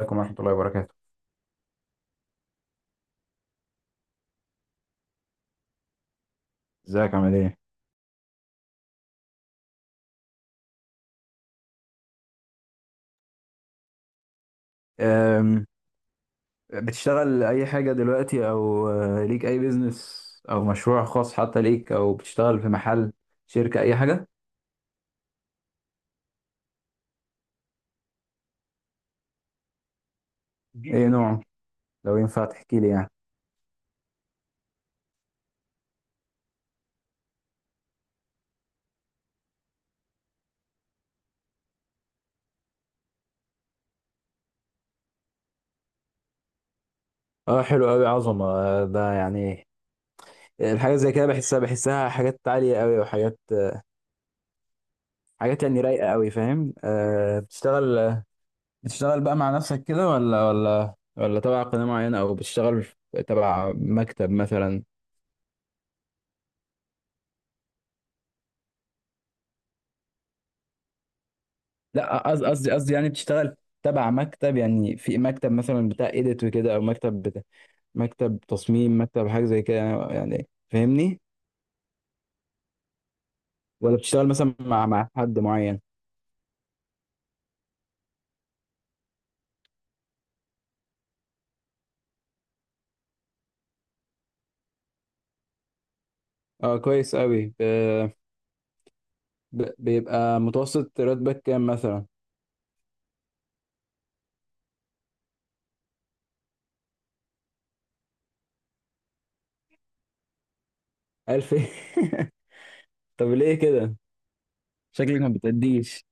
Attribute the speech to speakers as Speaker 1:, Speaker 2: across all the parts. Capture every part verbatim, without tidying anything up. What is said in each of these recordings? Speaker 1: عليكم ورحمة الله وبركاته. ازيك عامل ايه؟ أم، بتشتغل اي حاجة دلوقتي او آه، ليك اي بيزنس او مشروع خاص حتى ليك او بتشتغل في محل شركة اي حاجة؟ ايه نوع؟ لو ينفع تحكي لي يعني. اه، حلو قوي عظمة. آه، ده يعني، آه، الحاجة زي كده بحسها بحسها حاجات عالية قوي، وحاجات آه، حاجات يعني رايقة قوي، فاهم؟ آه، بتشتغل بتشتغل بقى مع نفسك كده ولا ولا ولا تبع قناة معينة، او بتشتغل تبع مكتب مثلا؟ لا، قصدي قصدي قصدي يعني بتشتغل تبع مكتب، يعني في مكتب مثلا بتاع ايديت وكده، او مكتب بتاع مكتب تصميم مكتب حاجه زي كده، يعني فاهمني؟ ولا بتشتغل مثلا مع مع حد معين؟ اه، كويس قوي. بيبقى متوسط راتبك كام مثلا؟ ألف. طب ليه كده؟ شكلك ما بتأديش.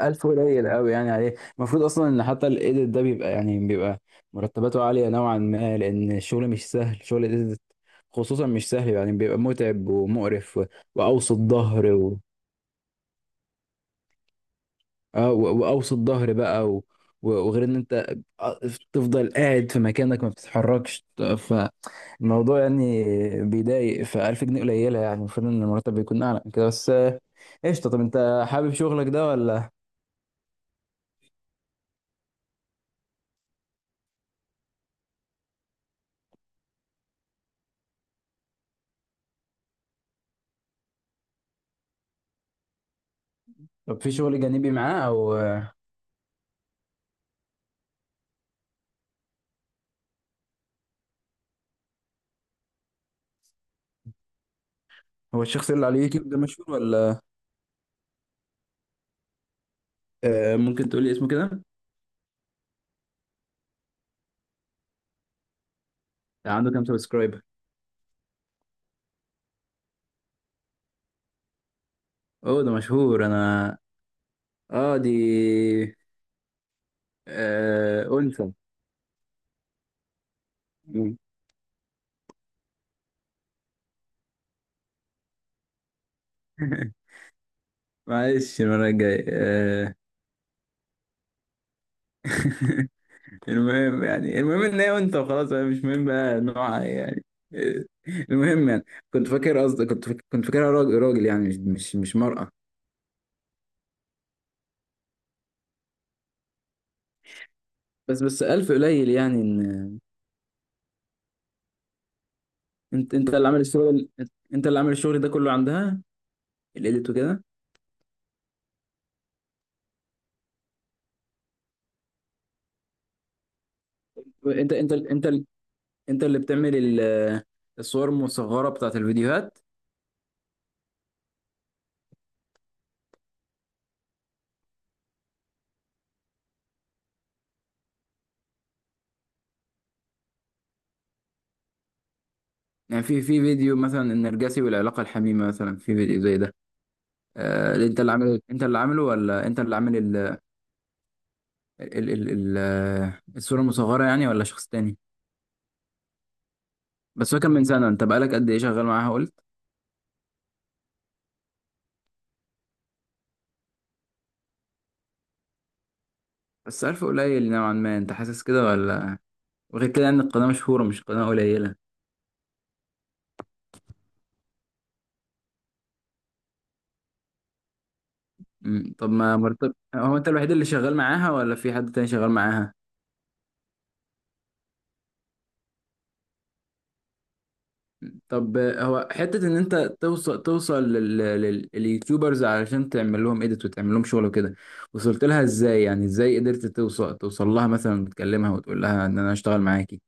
Speaker 1: ألف قليل قوي يعني عليه، المفروض أصلا إن حتى الإيديت ده بيبقى، يعني بيبقى مرتباته عالية نوعا ما، لأن الشغل مش سهل، شغل الإيديت خصوصا مش سهل، يعني بيبقى متعب ومقرف و... وأوسط ظهر و... آه و... وأوسط ظهر بقى و... و- وغير إن أنت، آه، تفضل قاعد في مكانك ما بتتحركش، فالموضوع يعني بيضايق. فألف جنيه قليلة يعني، المفروض إن المرتب بيكون أعلى من كده، بس آه، قشطة. طب أنت حابب شغلك ده ولا؟ طب في شغل جانبي معاه أو؟ هو الشخص اللي على اليوتيوب ده مشهور ولا؟ آه، ممكن تقولي اسمه كده. آه، عنده كام سبسكرايبر؟ اوه، ده مشهور انا. اه، دي. آه انثى؟ مم. معلش، المرة الجاية. آه المهم يعني المهم ان هي انثى وخلاص، أنا مش مهم بقى نوعها إيه يعني. آه، المهم يعني كنت فاكر قصدي كنت فاكر كنت فاكرها راجل، راجل يعني، مش مش مش مرأة. بس بس ألف قليل يعني إن انت انت اللي عامل الشغل، انت اللي عامل الشغل ده كله عندها، الإيديت وكده. انت انت انت انت اللي بتعمل ال- الصور المصغره بتاعت الفيديوهات؟ يعني في في فيديو مثلا النرجسي والعلاقه الحميمه، مثلا في فيديو زي ده، آه، انت اللي عامل، انت اللي عامله، ولا انت اللي عامل ال ال ال ال آه، الصوره المصغره يعني، ولا شخص تاني؟ بس هو كان من سنه، انت بقالك قد ايه شغال معاها؟ قلت بس عارف قليل نوعا ما، انت حاسس كده ولا؟ وغير كده ان القناه مشهوره، مش قناه قليله. مم، طب ما مرتب. هو انت الوحيد اللي شغال معاها، ولا في حد تاني شغال معاها؟ طب هو حتة إن أنت توصل توصل لل- لل- لليوتيوبرز علشان تعمل لهم إيديت وتعمل لهم شغل وكده، وصلت لها إزاي يعني؟ إزاي قدرت توصل توصل لها، مثلا تكلمها وتقول لها إن أنا أشتغل معاكي.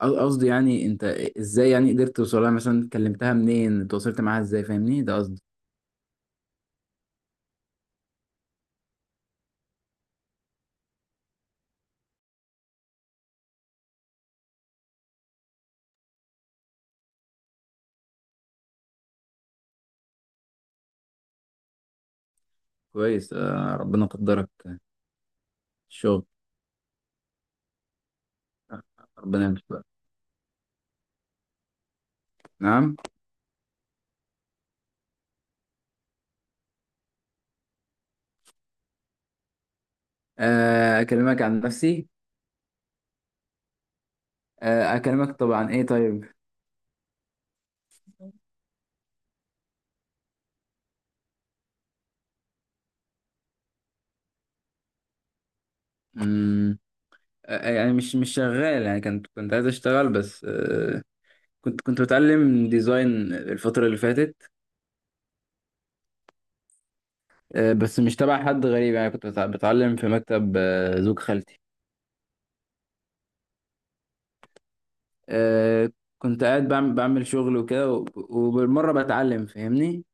Speaker 1: قص- قصدي يعني أنت إزاي يعني قدرت توصل لها، مثلا كلمتها منين، اتواصلت معاها إزاي، فاهمني؟ ده قصدي. كويس، آه، ربنا قدرك الشغل، ربنا يمشي بقى. نعم. آه، أكلمك عن نفسي، آه، أكلمك طبعا، إيه؟ طيب، آه، يعني مش مش شغال يعني، كنت كنت عايز اشتغل بس، آه، كنت كنت بتعلم ديزاين الفترة اللي فاتت، آه، بس مش تبع حد غريب يعني، كنت بتع- بتعلم في مكتب، آه، زوج خالتي. آه، كنت قاعد بعمل بعمل شغل وكده، وب- وبالمرة بتعلم، فاهمني؟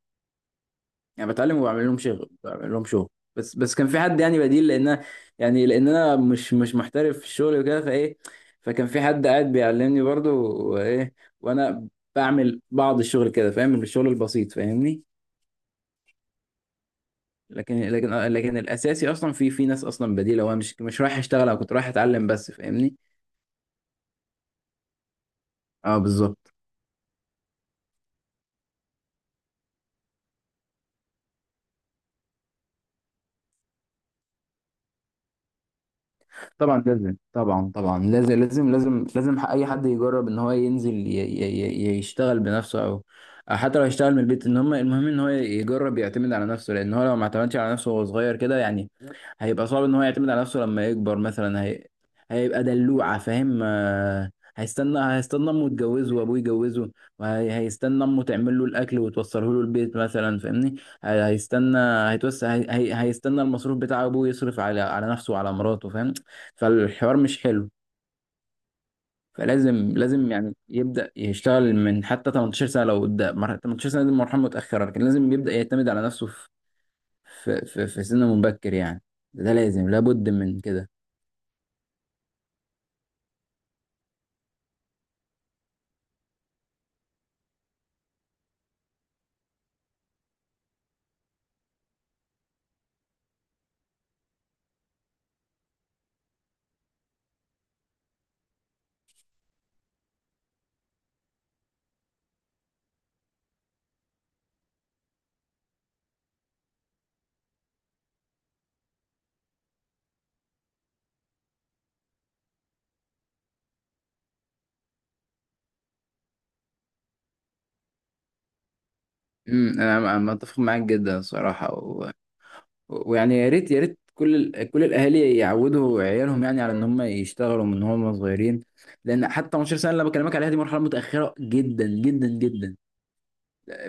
Speaker 1: يعني بتعلم وبعمل لهم شغل، بعمل لهم شغل. بس بس كان في حد يعني بديل، لان أنا- يعني لان انا مش مش محترف في الشغل وكده، فايه، فكان في حد قاعد بيعلمني برضو، وايه، وانا بعمل بعض الشغل كده، فاهم الشغل البسيط، فاهمني؟ لكن لكن لكن الاساسي اصلا في في ناس اصلا بديله، وانا مش مش رايح اشتغل، انا كنت رايح اتعلم بس، فاهمني؟ اه، بالظبط. طبعا لازم طبعا طبعا لازم لازم لازم لازم اي حد يجرب ان هو ينزل ي- ي- ي- يشتغل بنفسه، او حتى لو يشتغل من البيت. ان هم المهم ان هو يجرب يعتمد على نفسه، لان هو لو ما اعتمدش على نفسه وهو صغير كده يعني، هيبقى صعب ان هو يعتمد على نفسه لما يكبر، مثلا هي... هيبقى دلوعة، فاهم؟ آه، هيستنى هيستنى امه تجوزه، وابوه يجوزه، وهيستنى امه تعمل له الاكل وتوصله له البيت مثلا، فاهمني؟ هي- هيستنى هيتوسع هي... هي- هيستنى المصروف بتاع ابوه يصرف على على نفسه وعلى مراته، فاهم؟ فالحوار مش حلو. فلازم لازم يعني يبدأ يشتغل من حتى ثمانية عشر سنة لو قدام، مر- ثمانية عشر سنة دي مرحلة متأخرة، لكن لازم يبدأ يعتمد على نفسه في في في, في سن مبكر يعني. ده لازم، لابد من كده. امم انا أنا متفق معاك جدا صراحة، و... ويعني يا ريت، يا ريت كل ال... كل الاهالي يعودوا عيالهم، يعني على ان هم يشتغلوا من هم صغيرين، لان حتى تمنتاشر سنة اللي أنا بكلمك عليها دي مرحلة متأخرة جدا جدا جدا،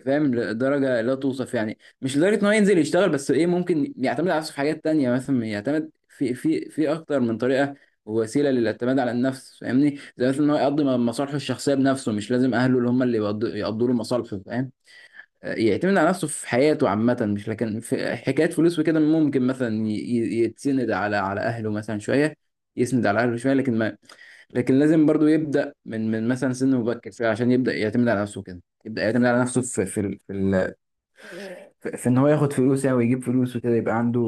Speaker 1: فاهم؟ لدرجه لا توصف يعني، مش لدرجه ان هو ينزل يشتغل، بس ايه ممكن يعتمد على نفسه في حاجات تانية، مثلا يعتمد في في في اكتر من طريقه ووسيله للاعتماد على النفس، فاهمني؟ زي مثلا ان هو يقضي مصالحه الشخصيه بنفسه، مش لازم اهله اللي هم اللي يقضوا يقضوا له مصالحه، فاهم؟ يعتمد على نفسه في حياته عامه، مش لكن في حكايه فلوس وكده ممكن مثلا ي- ي- يتسند على على اهله مثلا شويه، يسند على اهله شويه. لكن ما لكن لازم برضو يبدأ من من مثلا سن مبكر شوية، عشان يبدأ يعتمد على نفسه كده، يبدأ يعتمد على نفسه في في ال- في, ال- في, في ان هو ياخد فلوس يعني ويجيب فلوس وكده، يبقى عنده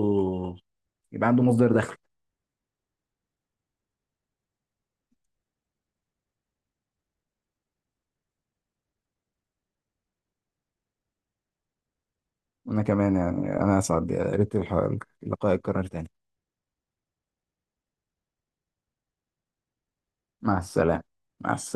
Speaker 1: يبقى عنده مصدر دخل. وانا كمان يعني، انا اسعد، يا ريت الح- اللقاء يتكرر تاني. مع السلامة. مع السلامة.